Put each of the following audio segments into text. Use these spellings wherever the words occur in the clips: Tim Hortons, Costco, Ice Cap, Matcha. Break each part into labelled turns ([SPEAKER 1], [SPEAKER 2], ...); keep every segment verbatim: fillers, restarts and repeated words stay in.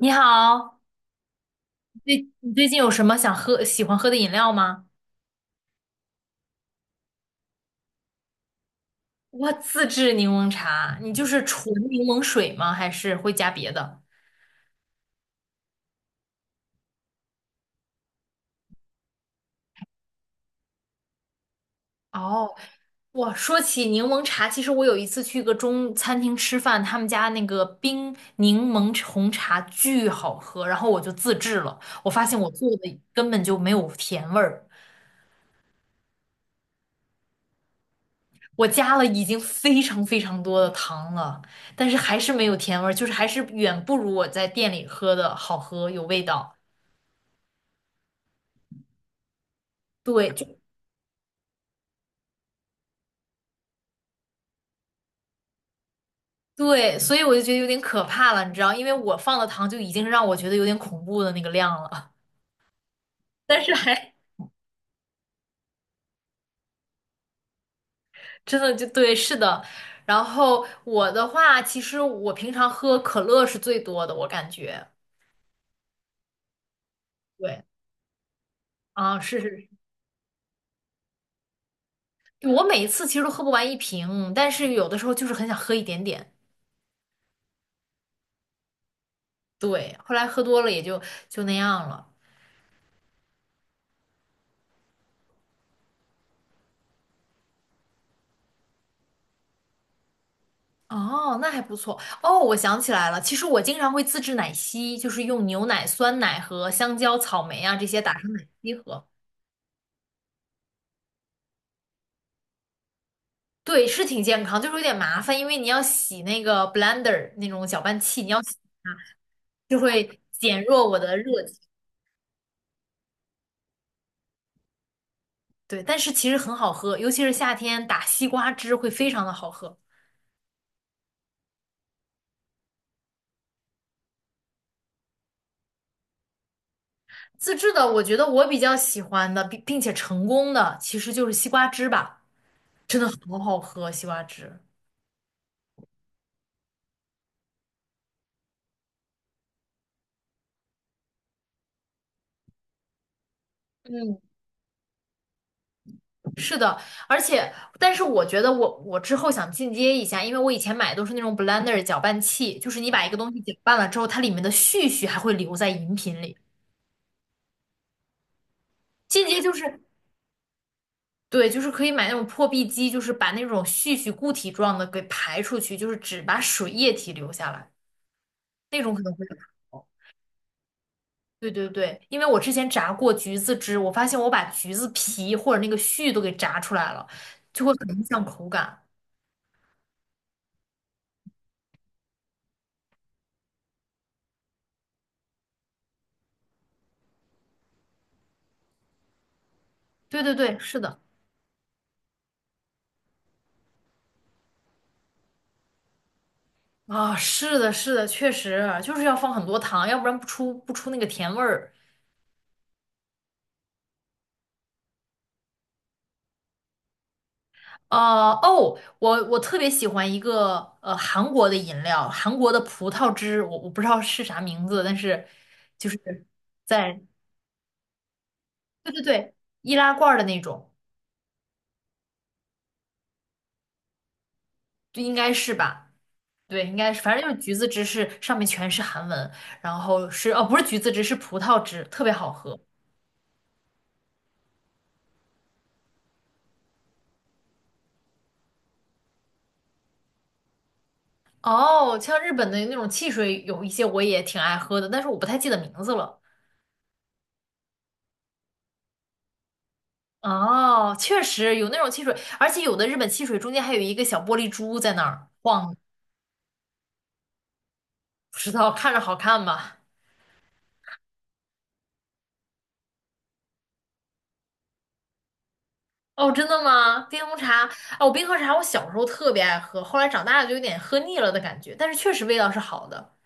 [SPEAKER 1] 你好，最你最近有什么想喝、喜欢喝的饮料吗？我自制柠檬茶，你就是纯柠檬水吗？还是会加别的？哦，我说起柠檬茶，其实我有一次去一个中餐厅吃饭，他们家那个冰柠檬红茶巨好喝，然后我就自制了，我发现我做的根本就没有甜味儿，我加了已经非常非常多的糖了，但是还是没有甜味儿，就是还是远不如我在店里喝的好喝，有味道。对，就对，所以我就觉得有点可怕了，你知道，因为我放的糖就已经让我觉得有点恐怖的那个量了，但是还真的就对，是的。然后我的话，其实我平常喝可乐是最多的，我感觉。对，啊，是是，是我每一次其实都喝不完一瓶，但是有的时候就是很想喝一点点。对，后来喝多了也就就那样了。哦，那还不错。哦，我想起来了，其实我经常会自制奶昔，就是用牛奶、酸奶和香蕉、草莓啊这些打成奶昔喝。对，是挺健康，就是有点麻烦，因为你要洗那个 blender 那种搅拌器，你要洗就会减弱我的热情。对，但是其实很好喝，尤其是夏天打西瓜汁会非常的好喝。自制的，我觉得我比较喜欢的，并并且成功的，其实就是西瓜汁吧，真的好好喝，西瓜汁。嗯。是的，而且，但是我觉得我我之后想进阶一下，因为我以前买的都是那种 blender 搅拌器，就是你把一个东西搅拌了之后，它里面的絮絮还会留在饮品里。进阶就是对，就是可以买那种破壁机，就是把那种絮絮固体状的给排出去，就是只把水液体留下来，那种可能会更好。对对对，因为我之前炸过橘子汁，我发现我把橘子皮或者那个絮都给炸出来了，就会很影响口感。对对对，是的。啊，是的，是的，确实啊就是要放很多糖，要不然不出不出那个甜味儿。啊哦，我我特别喜欢一个呃韩国的饮料，韩国的葡萄汁，我我不知道是啥名字，但是就是在对对对易拉罐儿的那种，就应该是吧？对，应该是，反正就是橘子汁是上面全是韩文，然后是哦不是橘子汁是葡萄汁，特别好喝。哦，像日本的那种汽水有一些我也挺爱喝的，但是我不太记得名字了。哦，确实有那种汽水，而且有的日本汽水中间还有一个小玻璃珠在那儿晃，不知道看着好看吧？哦，真的吗？冰红茶，哦，我冰红茶我小时候特别爱喝，后来长大了就有点喝腻了的感觉，但是确实味道是好的。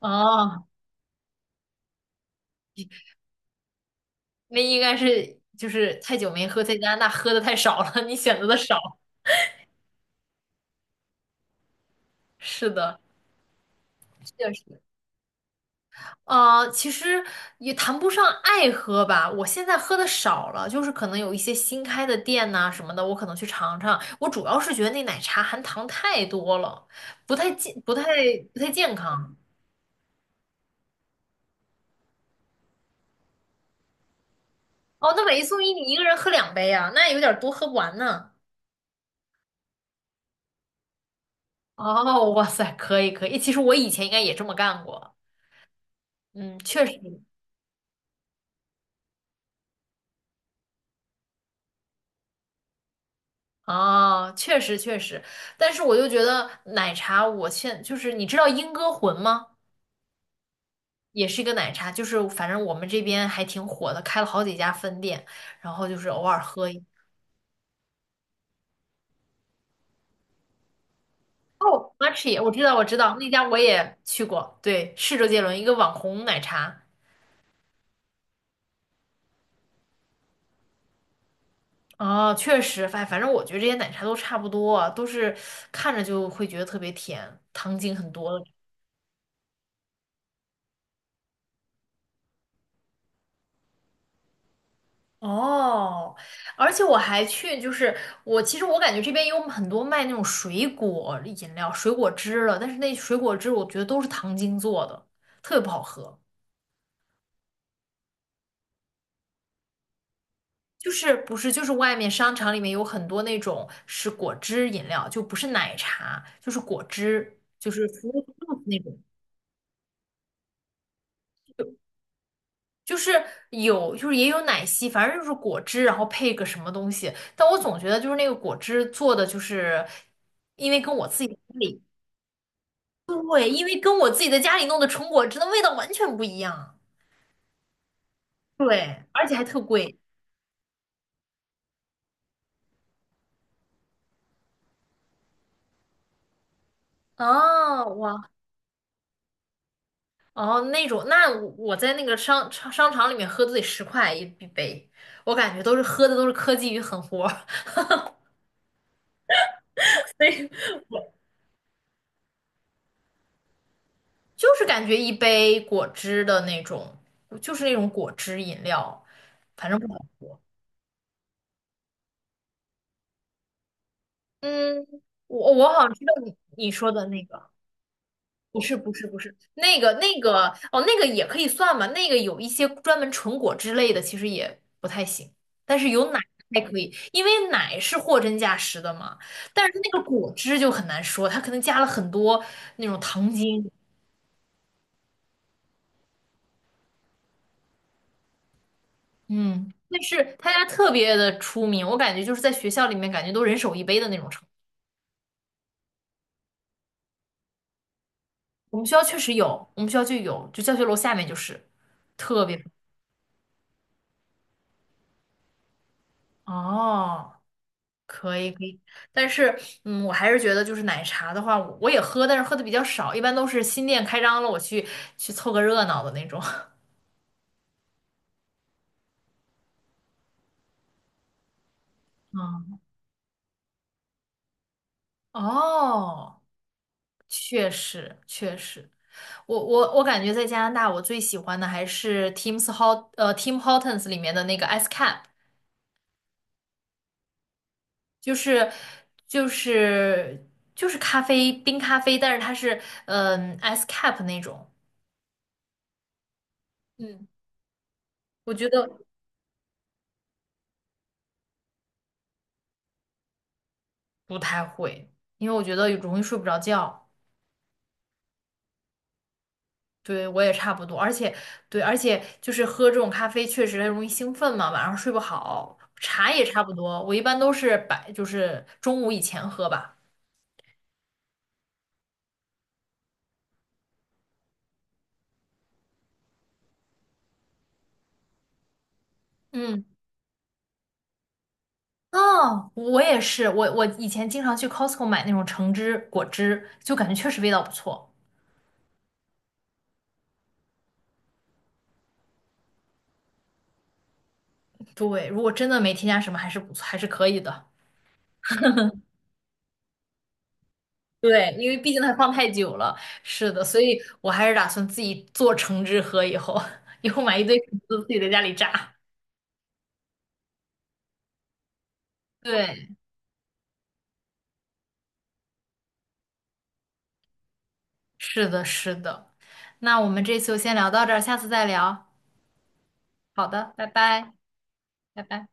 [SPEAKER 1] 哦，那应该是就是太久没喝，在加拿大喝的太少了，你选择的少。是的，确实。呃，其实也谈不上爱喝吧，我现在喝的少了，就是可能有一些新开的店呐、什么的，我可能去尝尝。我主要是觉得那奶茶含糖太多了，不太健，不太不太健康。哦，那买一送一，你一个人喝两杯啊，那有点多，喝不完呢。哦，哇塞，可以可以，其实我以前应该也这么干过，嗯，确实。哦，确实确实，但是我就觉得奶茶，我现就是你知道英歌魂吗？也是一个奶茶，就是反正我们这边还挺火的，开了好几家分店，然后就是偶尔喝一。哦，Matcha,我知道，我知道，那家我也去过，对，是周杰伦一个网红奶茶。哦，确实，反反正我觉得这些奶茶都差不多啊，都是看着就会觉得特别甜，糖精很多的。哦，而且我还去，就是我其实我感觉这边有很多卖那种水果饮料、水果汁了，但是那水果汁我觉得都是糖精做的，特别不好喝。就是不是就是外面商场里面有很多那种是果汁饮料，就不是奶茶，就是果汁，就是服务 juice 那种，就是有就是也有奶昔，反正就是果汁，然后配个什么东西。但我总觉得就是那个果汁做的就是，因为跟我自己的家里，对，因为跟我自己在家里弄的纯果汁的味道完全不一样，对，而且还特贵。啊！哇，哦，那种，那我在那个商商商场里面喝都得十块一一杯，我感觉都是喝的都是科技与狠活儿 所以我就是感觉一杯果汁的那种，就是那种果汁饮料，反正不好喝。嗯，我我好像知道你你说的那个。不是不是不是，那个那个哦，那个也可以算吧。那个有一些专门纯果汁类的，其实也不太行，但是有奶还可以，因为奶是货真价实的嘛。但是它那个果汁就很难说，它可能加了很多那种糖精，嗯，但是他家特别的出名，我感觉就是在学校里面感觉都人手一杯的那种程度。我们学校确实有，我们学校就有，就教学楼下面就是特别哦。可以可以，但是嗯，我还是觉得就是奶茶的话，我也喝，但是喝的比较少，一般都是新店开张了，我去去凑个热闹的那种。嗯，哦，确实确实，我我我感觉在加拿大，我最喜欢的还是 Tim's Hot 呃 Tim Hortons 里面的那个 Ice Cap,就是就是就是咖啡冰咖啡，但是它是嗯 Ice Cap 那种，嗯，我觉得不太会，因为我觉得容易睡不着觉。对，我也差不多，而且对，而且就是喝这种咖啡确实容易兴奋嘛，晚上睡不好。茶也差不多，我一般都是白，就是中午以前喝吧。嗯，哦，我也是，我我以前经常去 Costco 买那种橙汁、果汁，就感觉确实味道不错。对，如果真的没添加什么，还是不错，还是可以的。对，因为毕竟它放太久了，是的，所以我还是打算自己做橙汁喝，以后 以后买一堆橙汁自己在家里榨。对。是的，是的。那我们这次就先聊到这儿，下次再聊。好的，拜拜，拜拜。